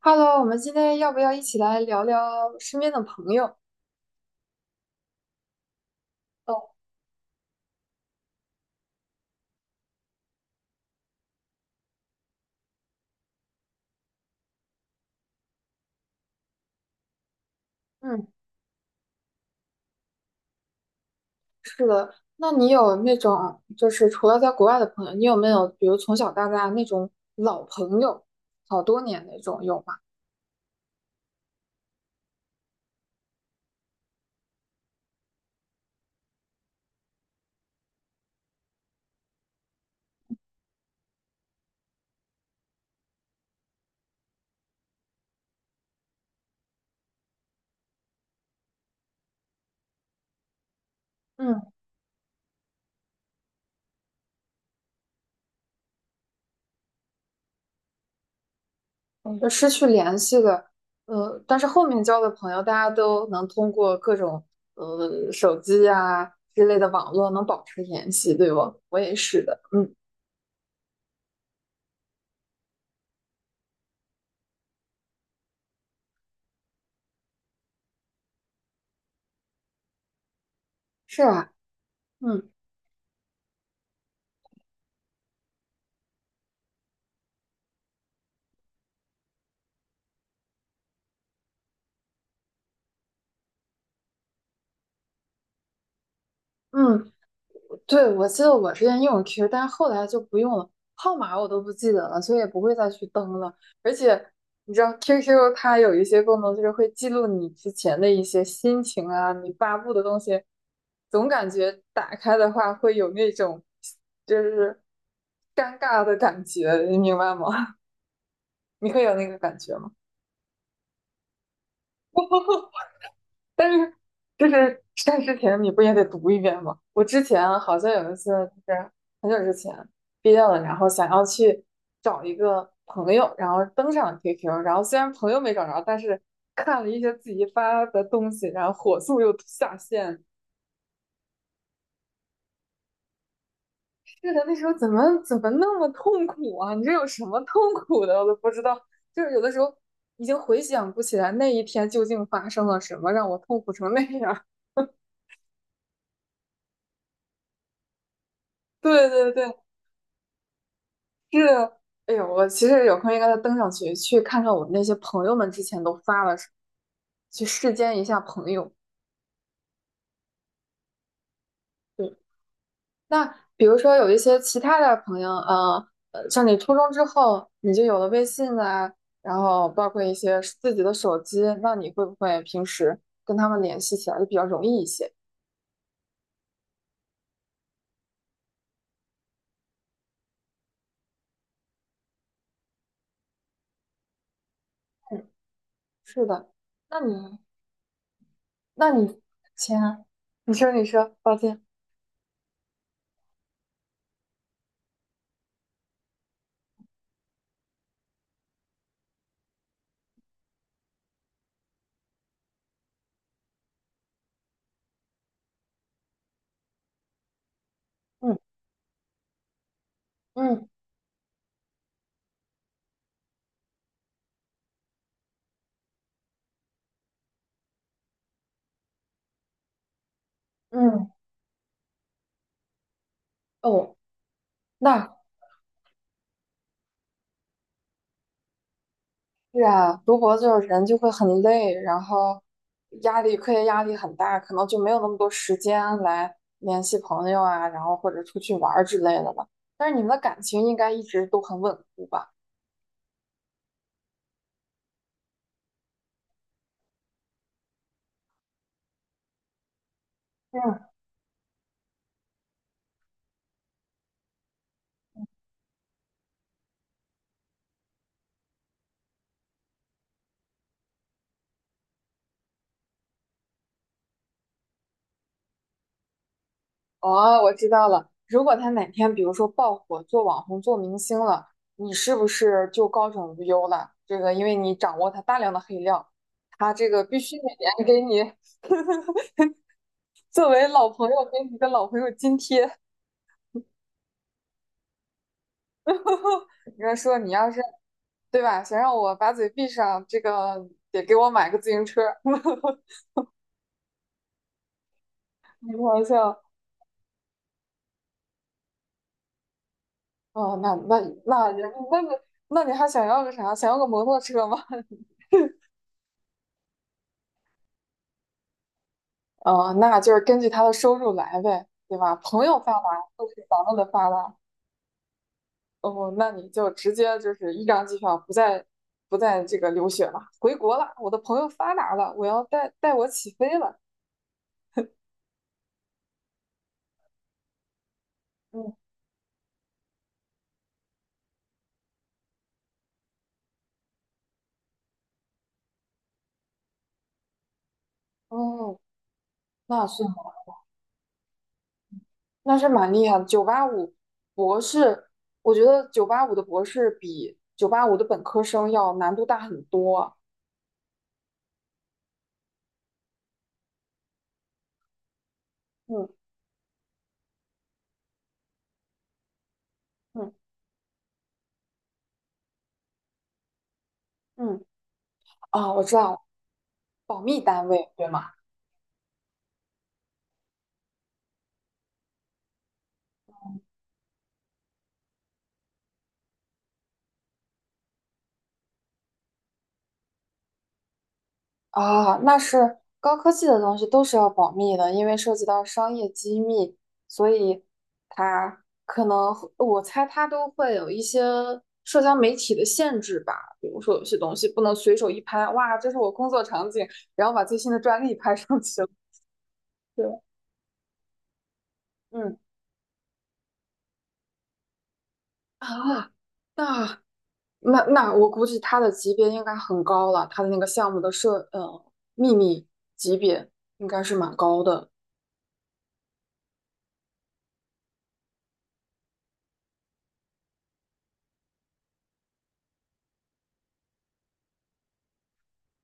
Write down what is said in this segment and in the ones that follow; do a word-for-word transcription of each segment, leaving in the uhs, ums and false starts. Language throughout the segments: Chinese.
Hello，我们今天要不要一起来聊聊身边的朋友？哦。嗯。那你有那种就是除了在国外的朋友，你有没有比如从小到大那种老朋友，好多年那种有吗？嗯。嗯，就失去联系的。呃，但是后面交的朋友，大家都能通过各种呃手机啊之类的网络能保持联系，对不？我也是的。嗯，是啊，嗯嗯。对，我记得我之前用 Q，但是后来就不用了，号码我都不记得了，所以也不会再去登了。而且你知道 Q Q 它有一些功能，就是会记录你之前的一些心情啊，你发布的东西，总感觉打开的话会有那种就是尴尬的感觉，你明白吗？你会有那个感觉吗？就是在之前你不也得读一遍吗？我之前好像有一次就是很久之前毕业了，然后想要去找一个朋友，然后登上了 Q Q，然后虽然朋友没找着，但是看了一些自己发的东西，然后火速又下线。是的，那时候怎么怎么那么痛苦啊？你这有什么痛苦的？我都不知道。就是有的时候已经回想不起来那一天究竟发生了什么，让我痛苦成那样。对对对。是，哎呦，我其实有空应该再登上去，去看看我那些朋友们之前都发了什么，去世间一下朋友。对，那比如说有一些其他的朋友，呃，呃像你初中之后，你就有了微信啊，然后包括一些自己的手机，那你会不会平时跟他们联系起来就比较容易一些？嗯，是的。那你，那你前，你说，你说，抱歉。嗯嗯嗯，哦。那是啊，读博就是人就会很累，然后压力，课业压力很大，可能就没有那么多时间来联系朋友啊，然后或者出去玩儿之类的了。但是你们的感情应该一直都很稳固吧？嗯。哦，我知道了。如果他哪天比如说爆火，做网红、做明星了，你是不是就高枕无忧了？这个因为你掌握他大量的黑料，他这个必须每年给你作为老朋友给你一个老朋友津贴。你要说你要是。对吧？想让我把嘴闭上，这个得给我买个自行车。开玩笑。哦，那那那也那你那你还想要个啥？想要个摩托车吗？哦，那就是根据他的收入来呗，对吧？朋友发达就是咱们的发达。哦，那你就直接就是一张机票，不再不再这个留学了，回国了。我的朋友发达了，我要带带我起飞了。嗯。哦，那是。那是蛮厉害的。九八五博士，我觉得九八五的博士比九八五的本科生要难度大很多。嗯嗯嗯。啊，我知道了，保密单位，对吗？啊，那是高科技的东西都是要保密的，因为涉及到商业机密，所以它可能会我猜它都会有一些社交媒体的限制吧，比如说有些东西不能随手一拍，哇，这是我工作场景，然后把最新的专利拍上去了。对。嗯。啊，那那那我估计他的级别应该很高了，他的那个项目的设呃秘密级别应该是蛮高的。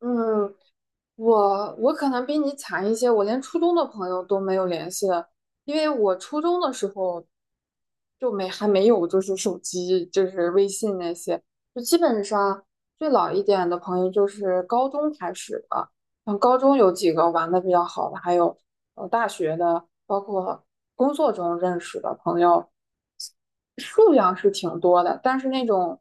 嗯，我我可能比你惨一些，我连初中的朋友都没有联系了，因为我初中的时候就没还没有就是手机，就是微信那些，就基本上最老一点的朋友就是高中开始的，像高中有几个玩的比较好的，还有呃大学的，包括工作中认识的朋友，数量是挺多的，但是那种，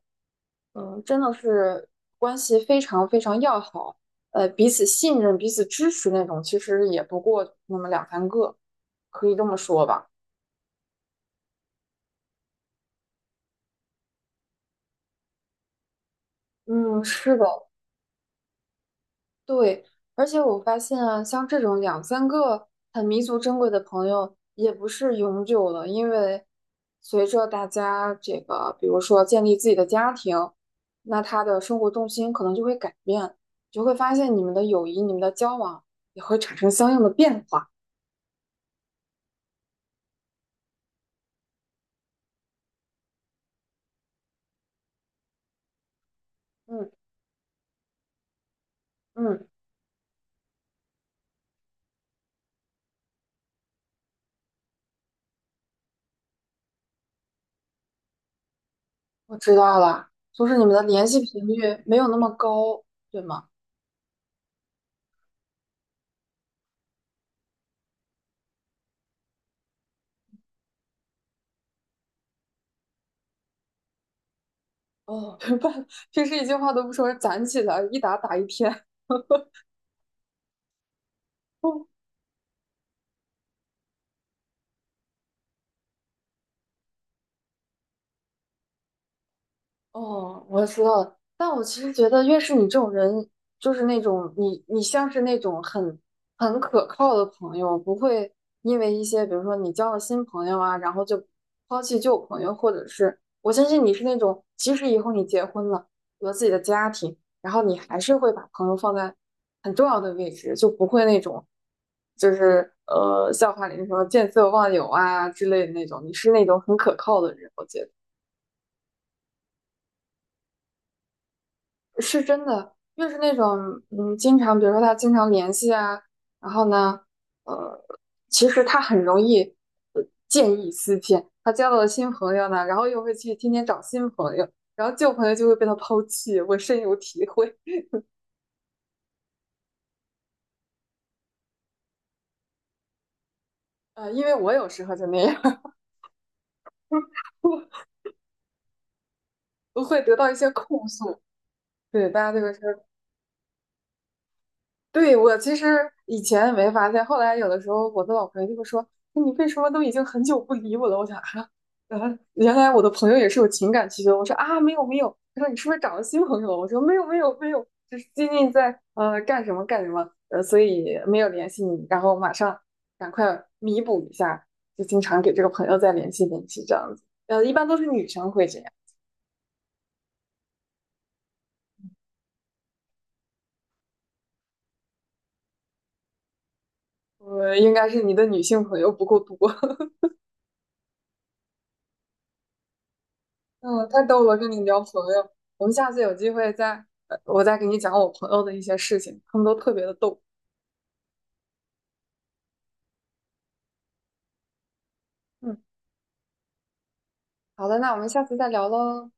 嗯，真的是关系非常非常要好，呃，彼此信任、彼此支持那种，其实也不过那么两三个，可以这么说吧。嗯，是的。对，而且我发现啊，像这种两三个很弥足珍贵的朋友，也不是永久的，因为随着大家这个，比如说建立自己的家庭，那他的生活重心可能就会改变，就会发现你们的友谊、你们的交往也会产生相应的变化。嗯嗯，我知道了，就是你们的联系频率没有那么高，对吗？哦，明白了。平时一句话都不说，攒起来一打打一天。哦，我知道了。但我其实觉得，越是你这种人，就是那种你，你像是那种很很可靠的朋友，不会因为一些，比如说你交了新朋友啊，然后就抛弃旧朋友，或者是我相信你是那种，即使以后你结婚了，有了自己的家庭，然后你还是会把朋友放在很重要的位置，就不会那种，就是呃，笑话里那什么见色忘友啊之类的那种，你是那种很可靠的人，我觉得。是真的，越是那种嗯，经常比如说他经常联系啊，然后呢，呃，其实他很容易呃见异思迁。他交到了新朋友呢，然后又会去天天找新朋友，然后旧朋友就会被他抛弃，我深有体会。呃，因为我有时候就那样。我我会得到一些控诉。对，大家就会说对，我其实以前没发现，后来有的时候我的老朋友就会说：“哎你为什么都已经很久不理我了？”我想啊，啊，原来我的朋友也是有情感需求。我说啊，没有没有。他说你是不是找了新朋友了我说没有没有没有，就是最近在呃干什么干什么，呃，所以没有联系你，然后马上赶快弥补一下，就经常给这个朋友再联系联系这样子。呃，一般都是女生会这样。呃，应该是你的女性朋友不够多。嗯，太逗了，跟你聊朋友，我们下次有机会再，呃我再给你讲我朋友的一些事情，他们都特别的逗。嗯，好的，那我们下次再聊喽，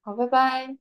好，拜拜。